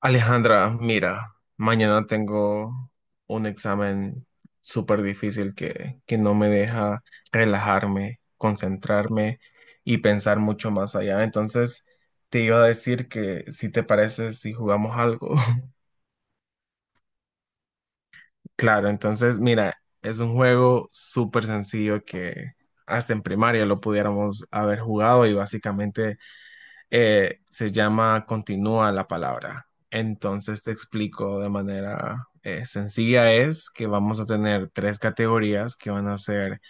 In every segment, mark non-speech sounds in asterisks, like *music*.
Alejandra, mira, mañana tengo un examen súper difícil que no me deja relajarme, concentrarme y pensar mucho más allá. Entonces, te iba a decir que si te parece, si jugamos algo. *laughs* Claro, entonces, mira, es un juego súper sencillo que hasta en primaria lo pudiéramos haber jugado y básicamente se llama continúa la palabra. Entonces te explico de manera sencilla es que vamos a tener tres categorías que van a ser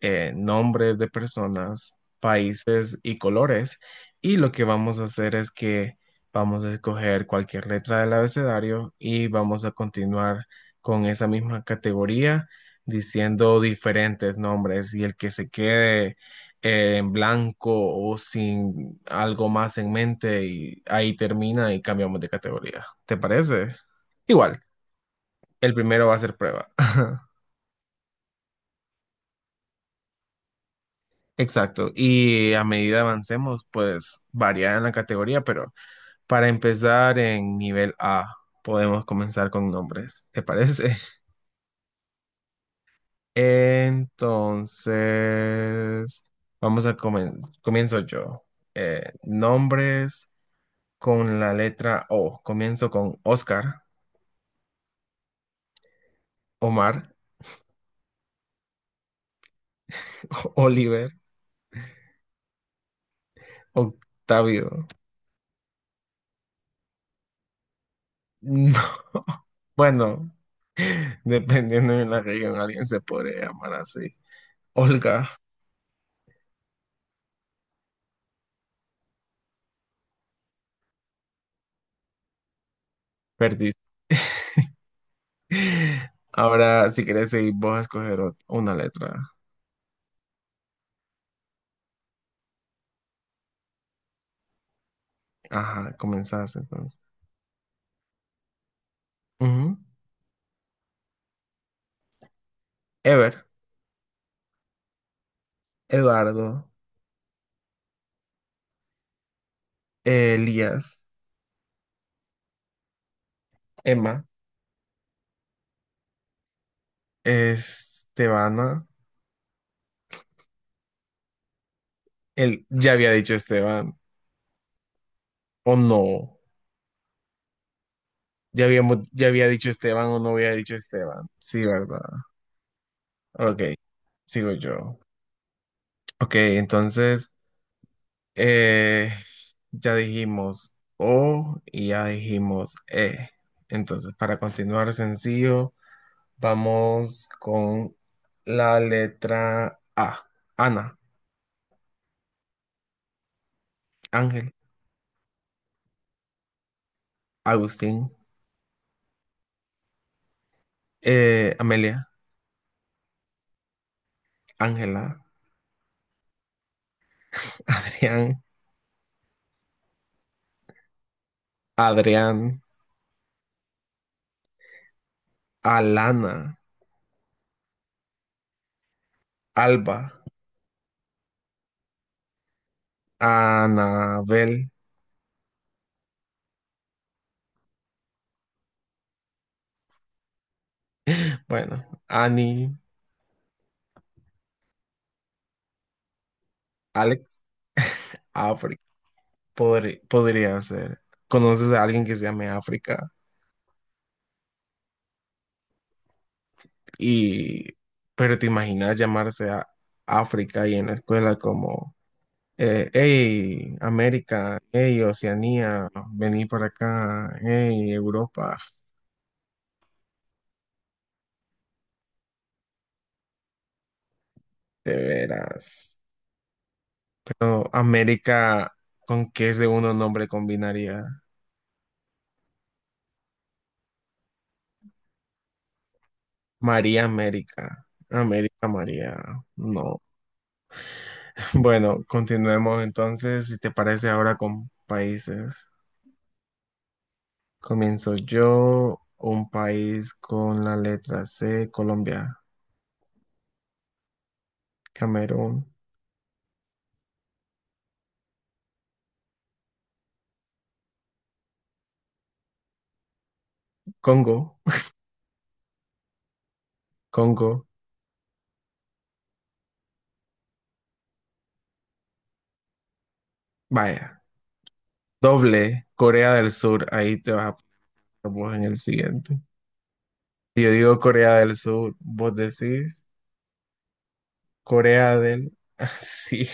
nombres de personas, países y colores. Y lo que vamos a hacer es que vamos a escoger cualquier letra del abecedario y vamos a continuar con esa misma categoría diciendo diferentes nombres y el que se quede en blanco o sin algo más en mente y ahí termina y cambiamos de categoría. ¿Te parece? Igual, el primero va a ser prueba. *laughs* Exacto, y a medida avancemos, pues varía en la categoría, pero para empezar en nivel A, podemos comenzar con nombres, ¿te parece? *laughs* Entonces, vamos a comenzar, comienzo yo. Nombres con la letra O, comienzo con Oscar, Omar, *laughs* Oliver, Octavio. *laughs* Bueno, *laughs* dependiendo de la región, alguien se podría llamar así. Olga. Perdición. Ahora, si querés seguir vos a escoger una letra. Ajá, comenzás entonces. Ujú. Ever, Eduardo, Elías, Emma, Estebana. El, ya había dicho Esteban, o no. Ya había dicho Esteban o no había dicho Esteban. Sí, ¿verdad? Ok, sigo yo. Ok, entonces, eh, ya dijimos O y ya dijimos E. Entonces, para continuar sencillo. Vamos con la letra A. Ana, Ángel, Agustín, Amelia, Ángela, *laughs* Adrián, Adrián, Alana, Alba, Anabel, bueno, Ani, Alex, África. Podría ser. ¿Conoces a alguien que se llame África? Y, pero te imaginas llamarse a África y en la escuela como hey, América, hey, Oceanía, vení por acá, hey, Europa, de veras. Pero América, ¿con qué segundo nombre combinaría? María América, América María, no. *laughs* Bueno, continuemos entonces, si te parece ahora con países. Comienzo yo, un país con la letra C, Colombia, Camerún, Congo, Congo, vaya. Doble, Corea del Sur, ahí te vas a poner vos en el siguiente. Si yo digo Corea del Sur, vos decís Corea del... *laughs* Sí.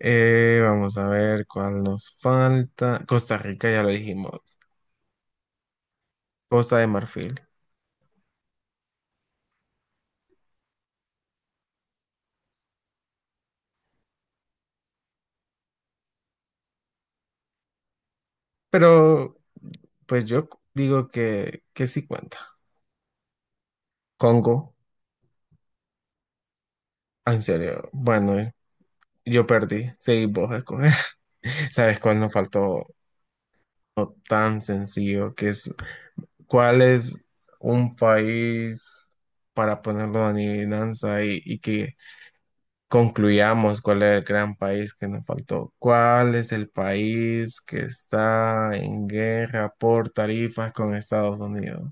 Vamos a ver cuál nos falta. Costa Rica, ya lo dijimos. Costa de Marfil. Pero, pues yo digo que sí cuenta. Congo, ah, en serio. Bueno, yo perdí. Sí, vos a escoger. *laughs* ¿Sabes cuál nos faltó? No tan sencillo, que es ¿cuál es un país para ponerlo en adivinanza y que concluyamos cuál es el gran país que nos faltó? ¿Cuál es el país que está en guerra por tarifas con Estados Unidos?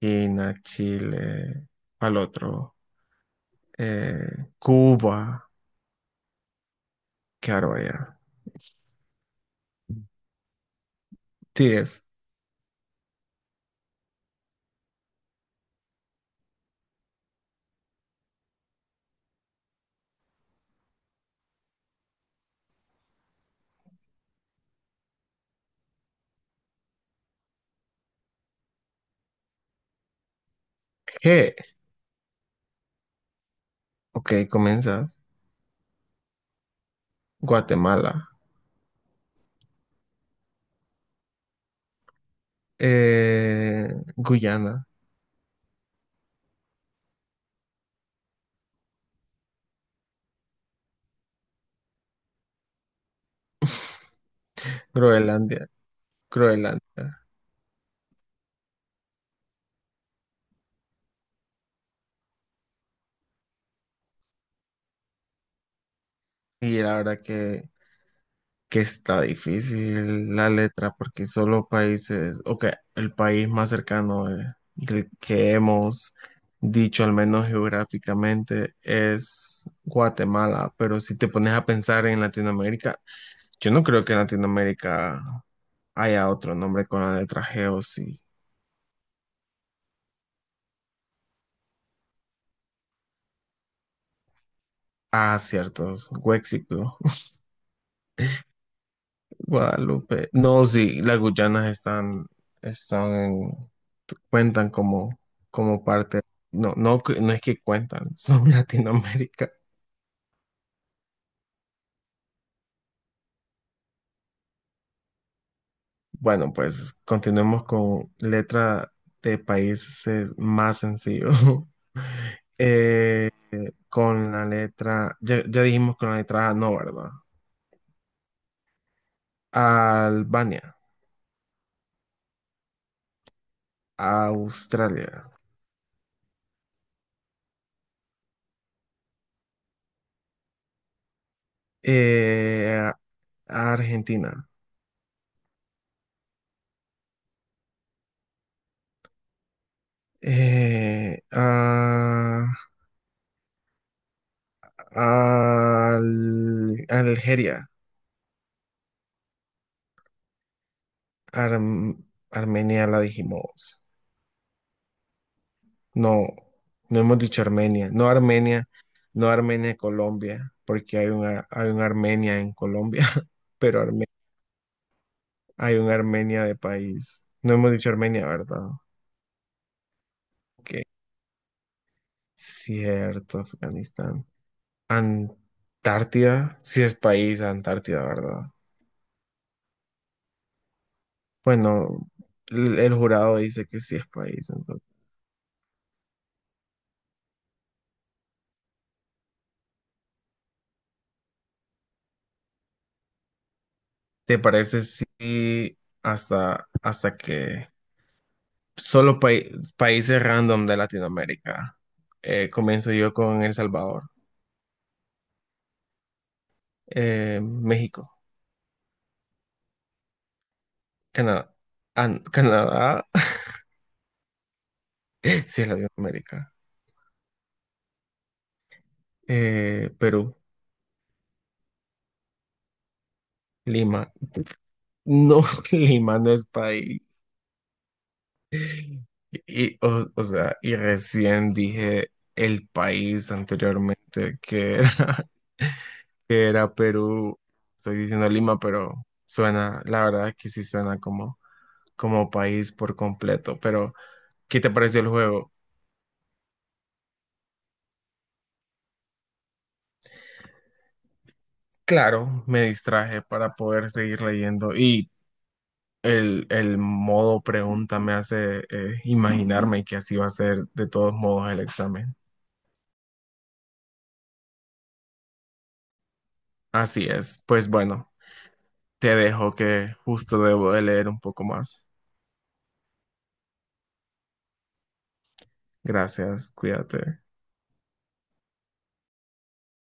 China, Chile, al otro, eh, Cuba, claro, ya. Sí, es G. Ok, comienzas. Guatemala, eh, Guyana, Groenlandia, Groenlandia. Y la verdad que está difícil la letra porque solo países, ok, el país más cercano del que hemos dicho, al menos geográficamente, es Guatemala, pero si te pones a pensar en Latinoamérica, yo no creo que en Latinoamérica haya otro nombre con la letra G o sí. Ah, ciertos, Huexico, *laughs* Guadalupe. No, sí, las Guyanas están, en... cuentan como parte, no, no, no es que cuentan, son *laughs* Latinoamérica. Bueno, pues continuemos con letra de países más sencillo. *laughs* Eh, con la letra, ya dijimos con la letra A, no, ¿verdad? Albania, Australia, eh, Argentina, eh, a- Algeria, Arm- Armenia la dijimos. No, no hemos dicho Armenia. No Armenia, no Armenia, Colombia, porque hay una, hay un Armenia en Colombia, *laughs* pero hay un Armenia de país. No hemos dicho Armenia, ¿verdad? Que cierto, Afganistán. Antártida, sí es país, Antártida, ¿verdad? Bueno, el jurado dice que sí es país, entonces. ¿Te parece si hasta que solo países random de Latinoamérica? Comienzo yo con El Salvador, México, Canadá. Ah, no, Canadá, *laughs* sí es Latinoamérica. Perú, Lima. No, *laughs* Lima no es país. O sea, y recién dije el país anteriormente que era, *laughs* que era Perú. Estoy diciendo Lima, pero suena, la verdad que sí suena como país por completo, pero. ¿Qué te pareció el juego? Claro, me distraje para poder seguir leyendo y el modo pregunta me hace imaginarme que así va a ser de todos modos el examen. Así es. Pues bueno, te dejo que justo debo de leer un poco más. Gracias, cuídate.